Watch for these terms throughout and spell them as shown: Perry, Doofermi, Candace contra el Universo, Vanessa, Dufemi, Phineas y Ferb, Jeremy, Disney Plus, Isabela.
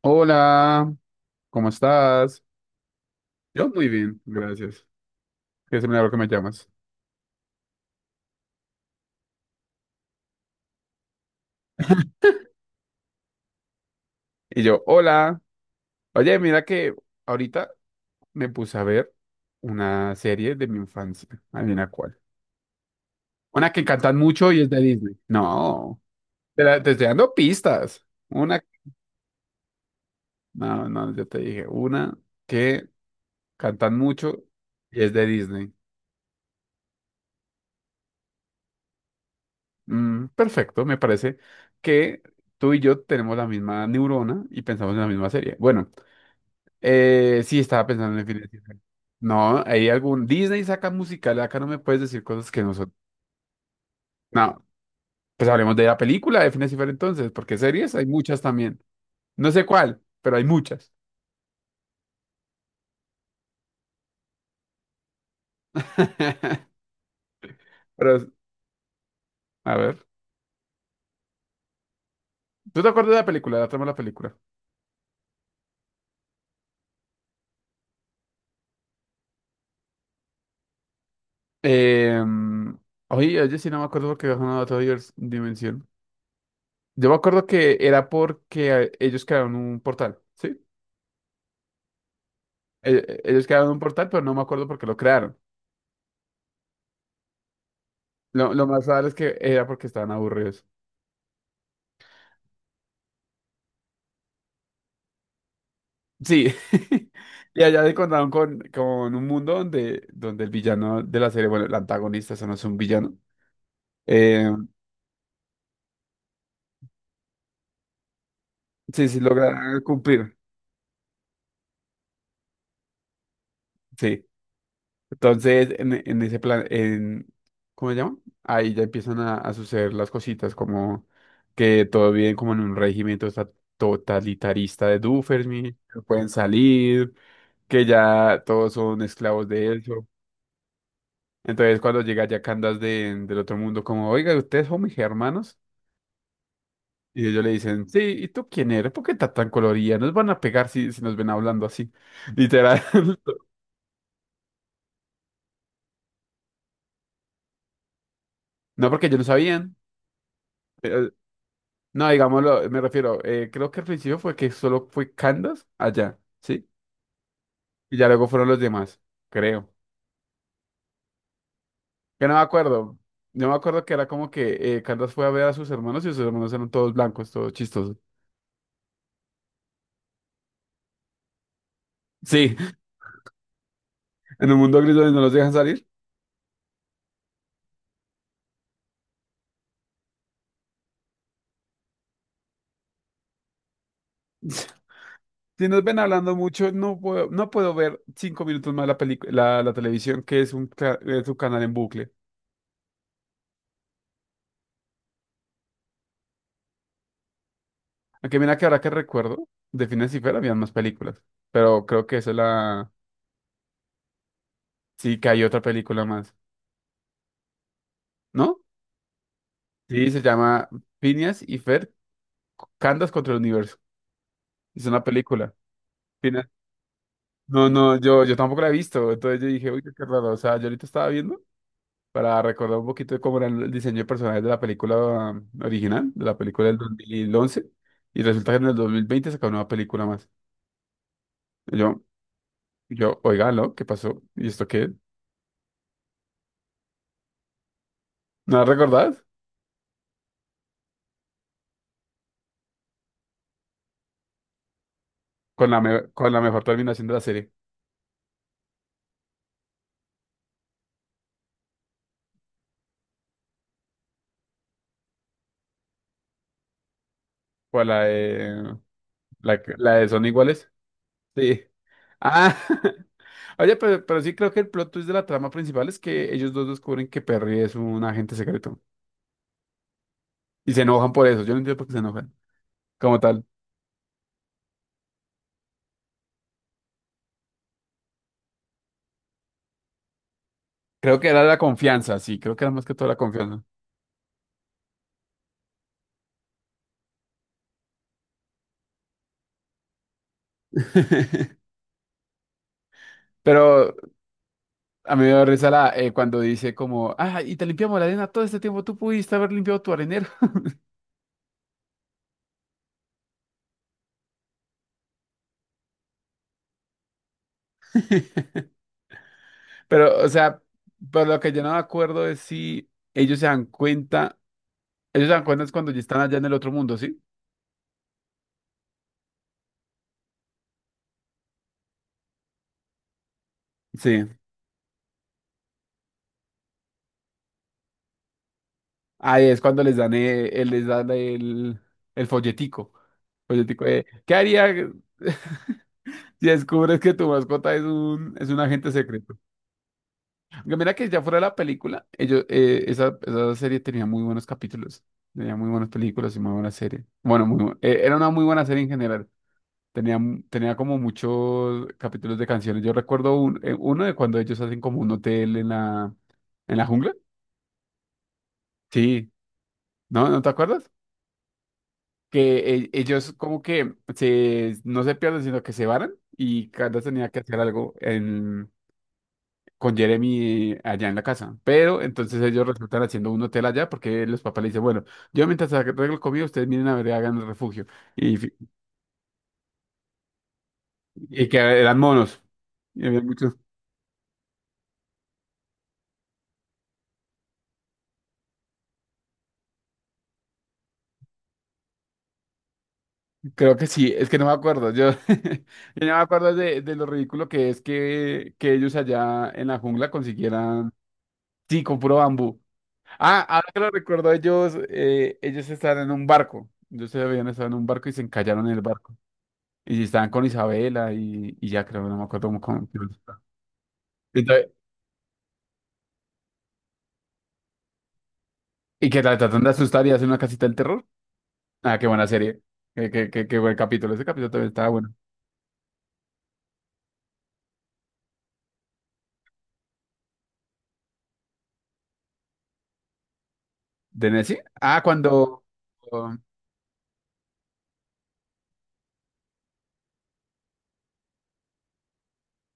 Hola, ¿cómo estás? Yo muy bien, gracias. Qué es el milagro que me llamas. Y yo, hola. Oye, mira que ahorita me puse a ver una serie de mi infancia. Adivina cuál. Una que cantan mucho y es de Disney. No, te estoy dando pistas. Una, no, no, yo te dije, una que cantan mucho y es de Disney. Mm, perfecto, me parece que tú y yo tenemos la misma neurona y pensamos en la misma serie. Bueno. Sí, estaba pensando en Infinity War. No, hay algún. Disney saca musical, acá no me puedes decir cosas que no son. No, pues hablemos de la película de Infinity War entonces, porque series hay muchas también. No sé cuál, pero hay muchas. Pero, a ver. ¿Tú te acuerdas de la película, de la trama de la película? Eh, Oye, oye, sí, no me acuerdo porque bajaron a otra dimensión. Yo me acuerdo que era porque ellos crearon un portal, ¿sí? Ellos crearon un portal, pero no me acuerdo por qué lo crearon. Lo más raro es que era porque estaban aburridos. Sí. Y allá se contaron con un mundo donde, donde el villano de la serie, bueno, el antagonista, eso no es un villano. eh, sí, sí logra cumplir. Sí. Entonces, en ese plan, en, ¿cómo se llama? Ahí ya empiezan a suceder las cositas, como que todo bien, como en un régimen totalitarista de Doofermi, que no pueden salir, que ya todos son esclavos de él. Entonces cuando llega ya Candace de, del otro mundo, como, oiga, ¿ustedes son mis hermanos? Y ellos le dicen, sí, ¿y tú quién eres? ¿Por qué estás tan colorida? Nos van a pegar si, si nos ven hablando así. Literal. No, porque ellos no sabían. Eh, No, digámoslo, me refiero, creo que al principio fue que solo fue Candace allá, ¿sí? Y ya luego fueron los demás, creo. Que no me acuerdo. No me acuerdo que era como que Candace fue a ver a sus hermanos y sus hermanos eran todos blancos, todos chistosos. Sí, en un mundo gris donde no los dejan salir. Si nos ven hablando mucho, no puedo ver 5 minutos más la la televisión, que es un, es un canal en bucle. Aunque mira que ahora que recuerdo, de Phineas y Ferb habían más películas. Pero creo que esa es la... Sí, que hay otra película más. ¿No? Sí, se llama Phineas y Ferb, Candas contra el Universo. Es una película. Phineas- No, no, yo tampoco la he visto. Entonces yo dije, uy, qué raro. O sea, yo ahorita estaba viendo. Para recordar un poquito de cómo era el diseño de personajes de la película original, de la película del 2011, y resulta que en el 2020 sacaron una película más. Y yo, oiga, ¿no? ¿Qué pasó? ¿Y esto qué? ¿No la recordás? Con la, con la mejor terminación de la serie. ¿Cuál la de, la, la de Son Iguales? Sí. Ah, oye, pero sí creo que el plot twist de la trama principal es que ellos dos descubren que Perry es un agente secreto. Y se enojan por eso. Yo no entiendo por qué se enojan. Como tal. Creo que era la confianza, sí, creo que era más que todo la confianza. Pero a mí me dio risa la, cuando dice como, ah, y te limpiamos la arena todo este tiempo, tú pudiste haber limpiado tu arenero. Pero, o sea, pero lo que yo no me acuerdo es si ellos se dan cuenta es cuando ya están allá en el otro mundo, ¿sí? Sí. Ahí es cuando les dan el, el folletico, folletico de, ¿qué haría si descubres que tu mascota es es un agente secreto? Yo mira que ya fuera de la película, ellos, esa, esa serie tenía muy buenos capítulos, tenía muy buenas películas y muy buena serie. Bueno, muy, era una muy buena serie en general. Tenía, tenía como muchos capítulos de canciones. Yo recuerdo uno de cuando ellos hacen como un hotel en la jungla. Sí, ¿no? ¿No te acuerdas? Que ellos como que se, no se pierden, sino que se varan y cada tenía que hacer algo con Jeremy allá en la casa. Pero entonces ellos resultan haciendo un hotel allá porque los papás le dicen, bueno, yo mientras arreglo el comida, ustedes miren a ver, hagan el refugio. Y, y que eran monos. Y había muchos. Creo que sí, es que no me acuerdo. Yo, yo no me acuerdo de lo ridículo que es que ellos allá en la jungla consiguieran, sí, con puro bambú. Ah, ahora que lo recuerdo, ellos, ellos estaban en un barco. Ellos se habían estado en un barco y se encallaron en el barco. Y si estaban con Isabela y ya creo, no me acuerdo cómo. Cómo está. Entonces, y que la tratan de asustar y hacen una casita del terror. Ah, qué buena serie. Qué buen capítulo. Ese capítulo también estaba bueno. ¿De Nessie? Ah, cuando. um,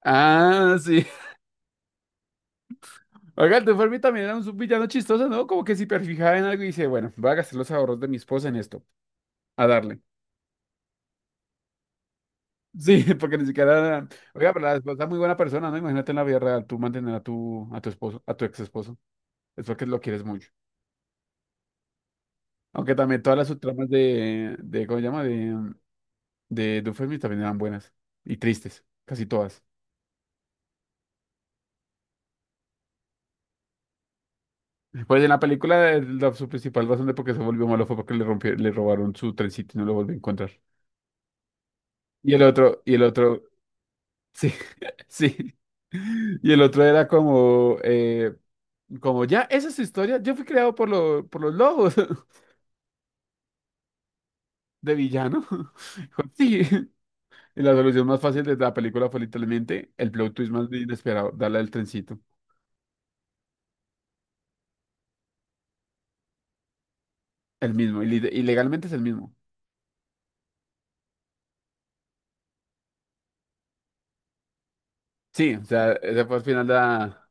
Ah, sí. Oiga, el Dufermi también era un villano chistoso, ¿no? Como que se hiperfijaba en algo y dice, bueno, voy a gastar los ahorros de mi esposa en esto, a darle. Sí, porque ni siquiera. Oiga, pero la esposa es muy buena persona, ¿no? Imagínate en la vida real, tú mantener a tu esposo, a tu ex esposo. Es porque lo quieres mucho. Aunque también todas las subtramas de ¿cómo se llama? De Dufemi también eran buenas y tristes, casi todas. Pues en la película, su principal razón de por qué se volvió malo fue porque le rompió, le robaron su trencito y no lo volvió a encontrar. Y el otro, sí, sí. Y el otro era como, como ya, esa es su historia. Yo fui creado por, por los lobos de villano. Sí. Y la solución más fácil de la película fue literalmente el plot twist más inesperado, darle el trencito. El mismo, y, y legalmente es el mismo. Sí, o sea,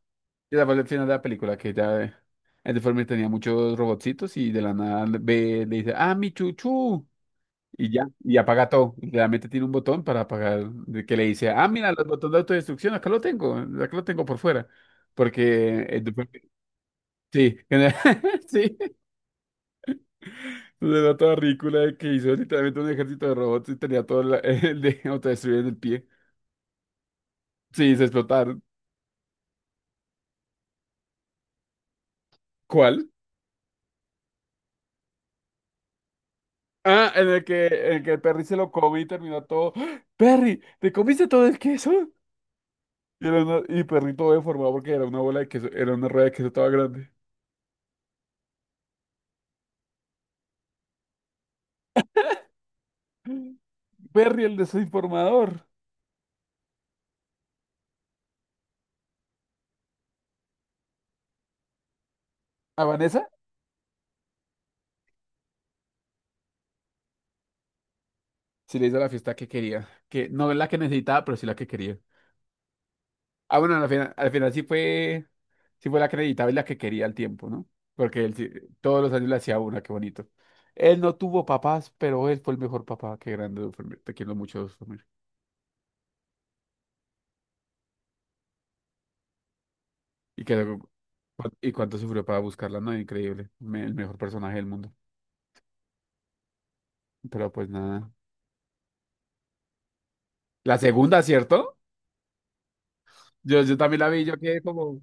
ese fue el final de la película, que ya el deforme tenía muchos robotcitos y de la nada le dice, ah, mi chuchu, y ya, y apaga todo. Y realmente tiene un botón para apagar, de que le dice, ah, mira, los botones de autodestrucción, acá lo tengo por fuera. Porque el deforme- sí, sí, se da toda ridícula de que hizo literalmente un ejército de robots y tenía todo el de autodestruir en el pie. Sí, se explotaron. ¿Cuál? Ah, en el que Perry se lo comió y terminó todo. ¡Ah! ¡Perry! ¿Te comiste todo el queso? Y, y Perry todo deformado porque era una bola de queso, era una rueda de queso toda grande. Perry, el desinformador. A Vanessa sí le hizo la fiesta que quería. Que no es la que necesitaba, pero sí la que quería. Ah, bueno, al final sí fue la que necesitaba y la que quería al tiempo, ¿no? Porque él sí- Todos los años le hacía una, qué bonito. Él no tuvo papás, pero él fue el mejor papá. Qué grande, Duffer. Te quiero mucho, Duffer. Y, que y cuánto sufrió para buscarla, ¿no? Increíble. El mejor personaje del mundo. Pero pues nada. La segunda, ¿cierto? Yo también la vi, yo quedé como...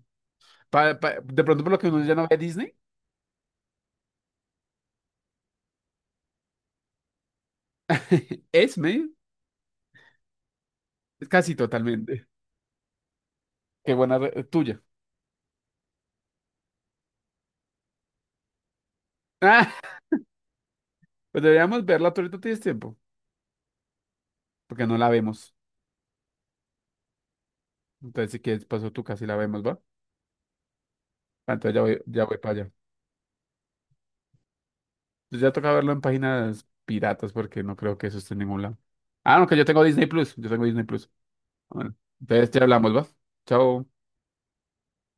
De pronto por lo que uno ya no ve Disney. Esme, casi totalmente. Tuya. Ah, pues deberíamos verla, tú ahorita tienes tiempo, porque no la vemos. Entonces, si quieres, paso tú casi la vemos, ¿va? Ah, entonces ya voy para allá. Entonces ya toca verlo en páginas piratas, porque no creo que eso esté en ningún lado. Ah, no, que yo tengo Disney Plus, yo tengo Disney Plus. Bueno, entonces ya hablamos, ¿va? Chao.